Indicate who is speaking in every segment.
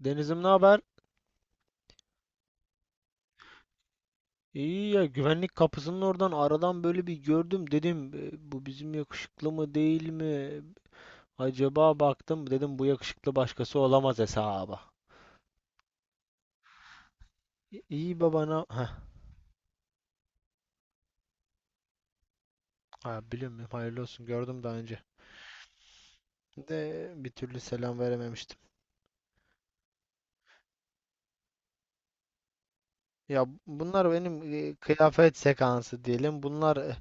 Speaker 1: Denizim, ne haber? İyi ya, güvenlik kapısının oradan aradan böyle bir gördüm, dedim "E, bu bizim yakışıklı mı değil mi? Acaba?" Baktım, dedim bu yakışıklı başkası olamaz hesaba. İyi baba, ne? Heh, ha, biliyorum, hayırlı olsun, gördüm daha önce. De bir türlü selam verememiştim. Ya bunlar benim, kıyafet sekansı diyelim. Bunlar, e,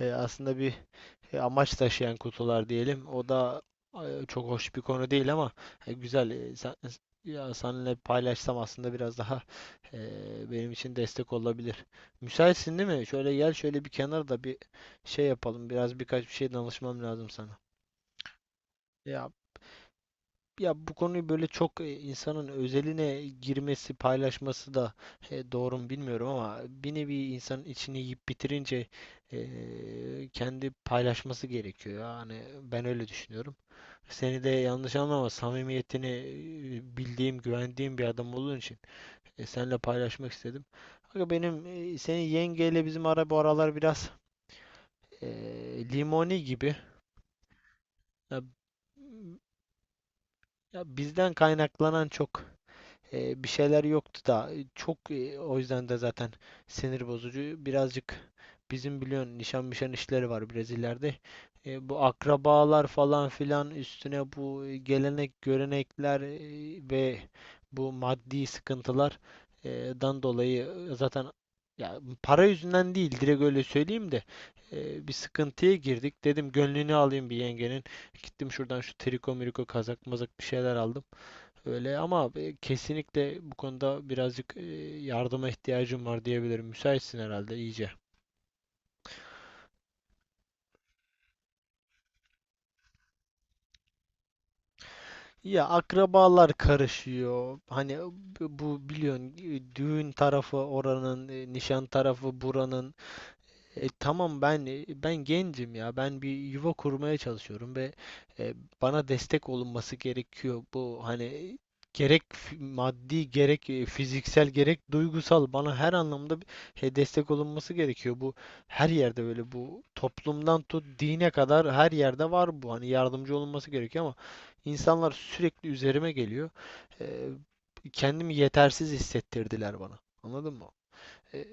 Speaker 1: e, aslında bir amaç taşıyan kutular diyelim. O da çok hoş bir konu değil, ama güzel. Ya, seninle paylaşsam aslında biraz daha benim için destek olabilir. Müsaitsin değil mi? Şöyle gel, şöyle bir kenarda bir şey yapalım. Biraz, birkaç bir şey danışmam lazım sana. Ya ya, bu konuyu böyle çok, insanın özeline girmesi, paylaşması da doğru mu bilmiyorum, ama bir nevi insanın içini yiyip bitirince kendi paylaşması gerekiyor. Yani ben öyle düşünüyorum. Seni de yanlış anlama, samimiyetini bildiğim, güvendiğim bir adam olduğun için seninle paylaşmak istedim. Aga, benim, senin yengeyle bizim ara bu aralar biraz e, limoni gibi. Ya, ya, bizden kaynaklanan çok bir şeyler yoktu da, çok, o yüzden de zaten sinir bozucu. Birazcık bizim biliyorsun nişan mişan işleri var, Brezilya'da. Bu akrabalar falan filan üstüne, bu gelenek görenekler, ve bu maddi sıkıntılar e, dan dolayı zaten, ya, para yüzünden değil, direkt öyle söyleyeyim de, bir sıkıntıya girdik. Dedim gönlünü alayım bir yengenin. Gittim, şuradan şu triko miriko kazak mazak bir şeyler aldım. Öyle ama kesinlikle bu konuda birazcık yardıma ihtiyacım var diyebilirim. Müsaitsin herhalde iyice. Ya, akrabalar karışıyor. Hani bu biliyorsun, düğün tarafı oranın, nişan tarafı buranın. Tamam, ben, ben gencim ya. Ben bir yuva kurmaya çalışıyorum ve e, bana destek olunması gerekiyor. Bu hani gerek maddi, gerek fiziksel, gerek duygusal, bana her anlamda destek olunması gerekiyor. Bu her yerde böyle, bu toplumdan tut dine kadar her yerde var bu. Hani yardımcı olunması gerekiyor ama insanlar sürekli üzerime geliyor. E, Kendimi yetersiz hissettirdiler bana. Anladın mı? E,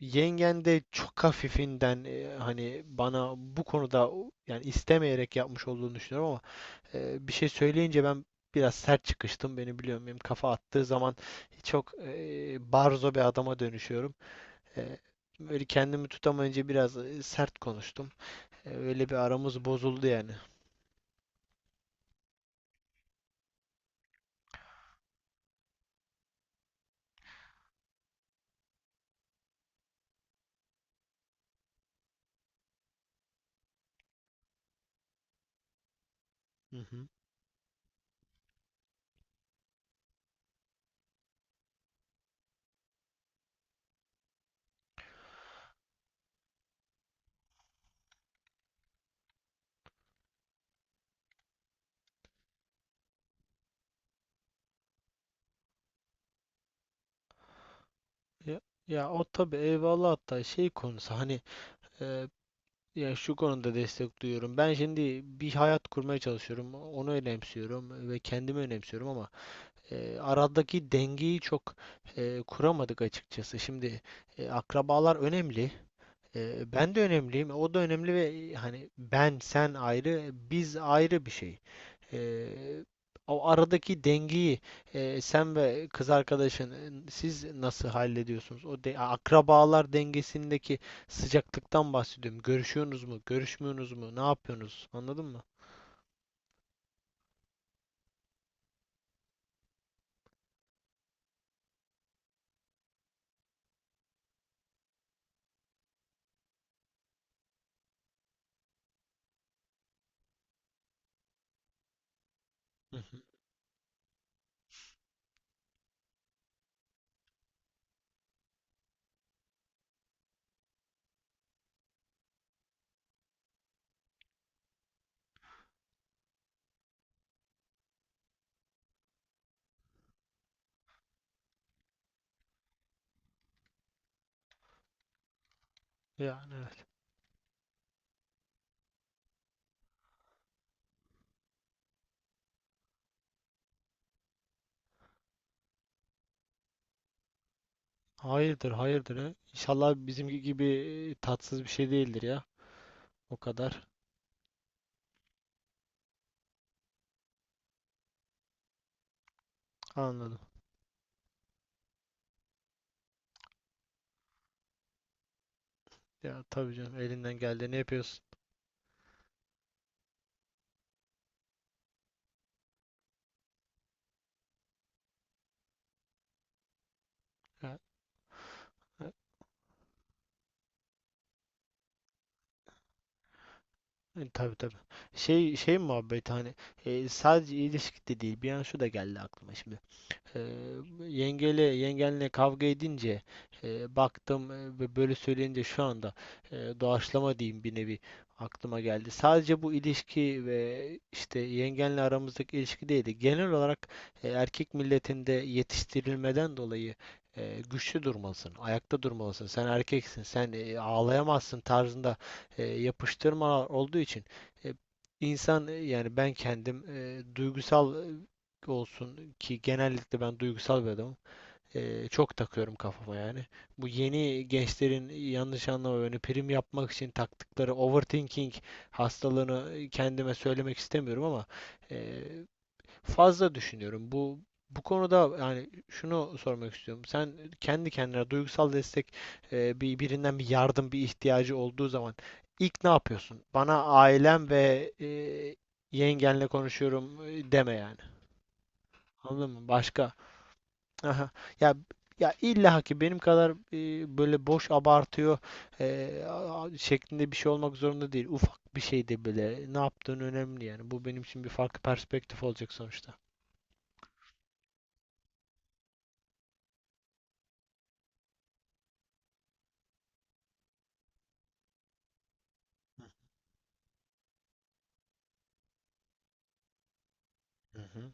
Speaker 1: Yengen de çok hafifinden, hani bana bu konuda, yani istemeyerek yapmış olduğunu düşünüyorum ama bir şey söyleyince ben biraz sert çıkıştım. Beni biliyorum, benim kafa attığı zaman çok barzo bir adama dönüşüyorum. E, Böyle kendimi tutamayınca biraz sert konuştum. Öyle bir aramız bozuldu yani. Hı hı. Ya, ya, o tabii eyvallah, hatta şey konusu hani. e, Ya, şu konuda destek duyuyorum. Ben şimdi bir hayat kurmaya çalışıyorum. Onu önemsiyorum ve kendimi önemsiyorum, ama aradaki dengeyi çok kuramadık açıkçası. Şimdi, akrabalar önemli. Ben de önemliyim. O da önemli, ve hani ben sen ayrı, biz ayrı bir şey. Eee, O aradaki dengeyi, sen ve kız arkadaşın, siz nasıl hallediyorsunuz? O de, akrabalar dengesindeki sıcaklıktan bahsediyorum. Görüşüyorsunuz mu? Görüşmüyorsunuz mu? Ne yapıyorsunuz? Anladın mı? Hı hı. Yani evet. Hayırdır, hayırdır. He. İnşallah bizimki gibi tatsız bir şey değildir ya. O kadar. Anladım. Ya tabii canım, elinden geldiğini yapıyorsun. Ya, e, tabii tabii. Şey muhabbet hani, sadece ilişkide değil. Bir an şu da geldi aklıma şimdi. Eee, yengele yengenle kavga edince, baktım, ve böyle söyleyince, şu anda, doğaçlama diyeyim, bir nevi aklıma geldi. Sadece bu ilişki ve işte yengenle aramızdaki ilişki değildi. Genel olarak, erkek milletinde yetiştirilmeden dolayı, güçlü durmalısın, ayakta durmalısın. Sen erkeksin, sen ağlayamazsın tarzında, yapıştırmalar olduğu için, eee, İnsan yani ben kendim, duygusal olsun ki, genellikle ben duygusal bir adamım. Çok takıyorum kafama yani. Bu yeni gençlerin, yanlış anlama beni, prim yapmak için taktıkları overthinking hastalığını kendime söylemek istemiyorum, ama e, fazla düşünüyorum. Bu konuda yani şunu sormak istiyorum. Sen kendi kendine duygusal destek, bir birinden bir yardım, bir ihtiyacı olduğu zaman ilk ne yapıyorsun? Bana "ailem ve yengenle konuşuyorum" deme yani. Anladın mı? Başka. Aha. Ya ya, illa ki benim kadar, böyle boş abartıyor, şeklinde bir şey olmak zorunda değil. Ufak bir şey de bile ne yaptığın önemli yani. Bu benim için bir farklı perspektif olacak sonuçta. Hı hı.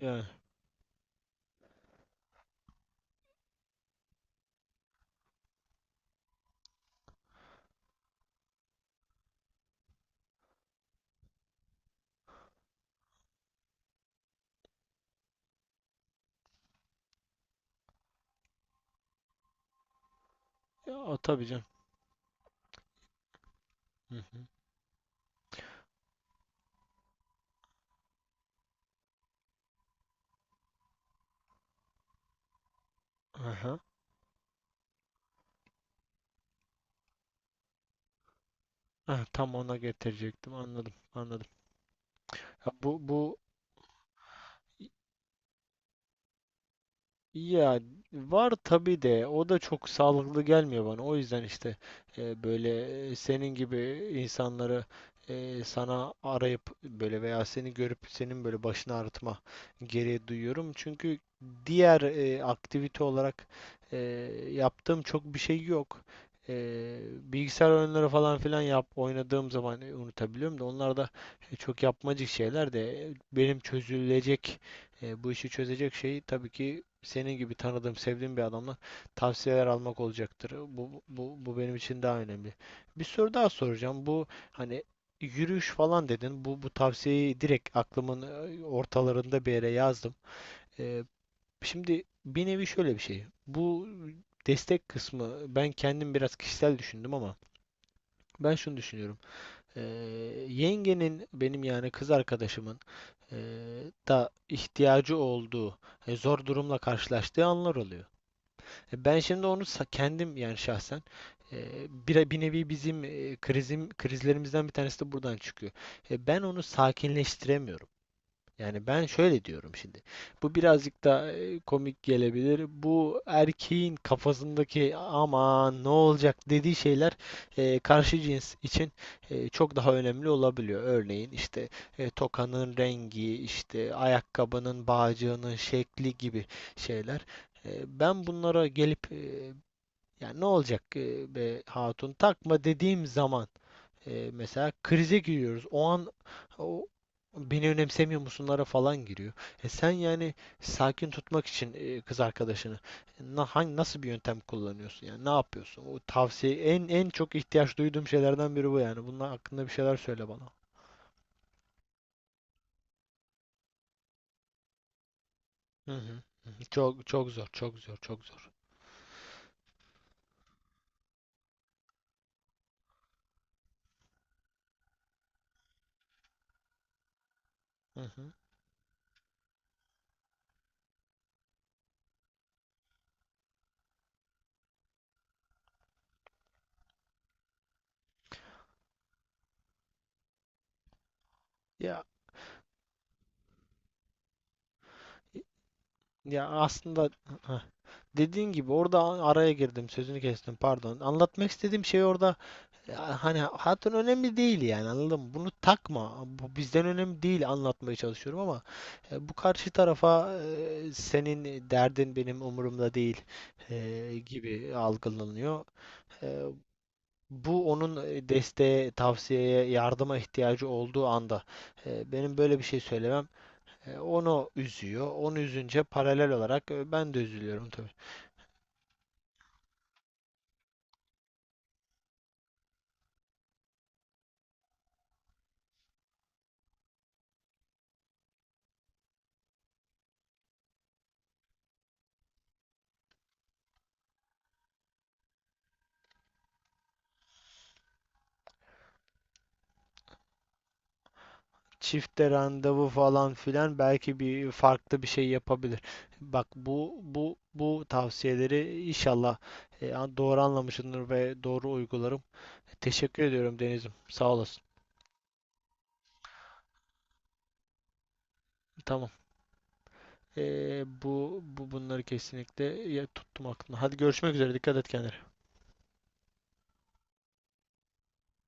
Speaker 1: Yani ya, o tabii canım. Hı hı. Aha. Ah, tam ona getirecektim. Anladım. Anladım. Ya bu bu Ya, var tabii de, o da çok sağlıklı gelmiyor bana. O yüzden işte, böyle, senin gibi insanları, sana arayıp böyle veya seni görüp, senin böyle başını ağrıtma gereği duyuyorum. Çünkü diğer aktivite olarak e, yaptığım çok bir şey yok. E, Bilgisayar oyunları falan filan, oynadığım zaman unutabiliyorum da, onlar da çok yapmacık şeyler, de benim çözülecek, bu işi çözecek şey tabii ki senin gibi tanıdığım, sevdiğim bir adamla tavsiyeler almak olacaktır. Bu benim için daha önemli. Bir soru daha soracağım. Bu hani yürüyüş falan dedin. Bu tavsiyeyi direkt aklımın ortalarında bir yere yazdım. Ee, Şimdi bir nevi şöyle bir şey. Bu destek kısmı ben kendim biraz kişisel düşündüm, ama ben şunu düşünüyorum. Ee, Yengenin, benim yani kız arkadaşımın, e, da ihtiyacı olduğu, zor durumla karşılaştığı anlar oluyor. Ben şimdi onu, kendim yani şahsen, e, bir, nevi bizim, e, krizim krizlerimizden bir tanesi de buradan çıkıyor. Ben onu sakinleştiremiyorum. Yani ben şöyle diyorum şimdi. Bu birazcık da komik gelebilir. Bu erkeğin kafasındaki "aman ne olacak" dediği şeyler, karşı cins için çok daha önemli olabiliyor. Örneğin işte, tokanın rengi, işte ayakkabının bağcığının şekli gibi şeyler. Ben bunlara gelip, yani "ne olacak, be hatun, takma" dediğim zaman mesela krize giriyoruz. O an o "beni önemsemiyor musunlara falan giriyor. E sen yani sakin tutmak için, kız arkadaşını, na, hangi nasıl bir yöntem kullanıyorsun? Yani ne yapıyorsun? O tavsiye, en çok ihtiyaç duyduğum şeylerden biri bu yani. Bunun hakkında bir şeyler söyle bana. Hı hı. Hı hı. Çok çok zor, çok zor, çok zor. Hı hı. Ya ya, aslında, dediğin gibi orada, araya girdim, sözünü kestim, pardon. Anlatmak istediğim şey, orada, ya hani, hatun önemli değil, yani anladın mı? Bunu takma. Bu bizden önemli değil, anlatmaya çalışıyorum ama, bu karşı tarafa, "senin derdin benim umurumda değil" gibi algılanıyor. E, Bu onun, desteğe, tavsiyeye, yardıma ihtiyacı olduğu anda, benim böyle bir şey söylemem onu üzüyor. Onu üzünce paralel olarak ben de üzülüyorum tabii. Çifte randevu falan filan, belki bir farklı bir şey yapabilir. Bak, bu tavsiyeleri inşallah, doğru anlamışsındır ve doğru uygularım. Teşekkür ediyorum, Deniz'im. Sağ olasın. Tamam. E, bu bu bunları kesinlikle, ya, tuttum aklımda. Hadi görüşmek üzere. Dikkat et kendine.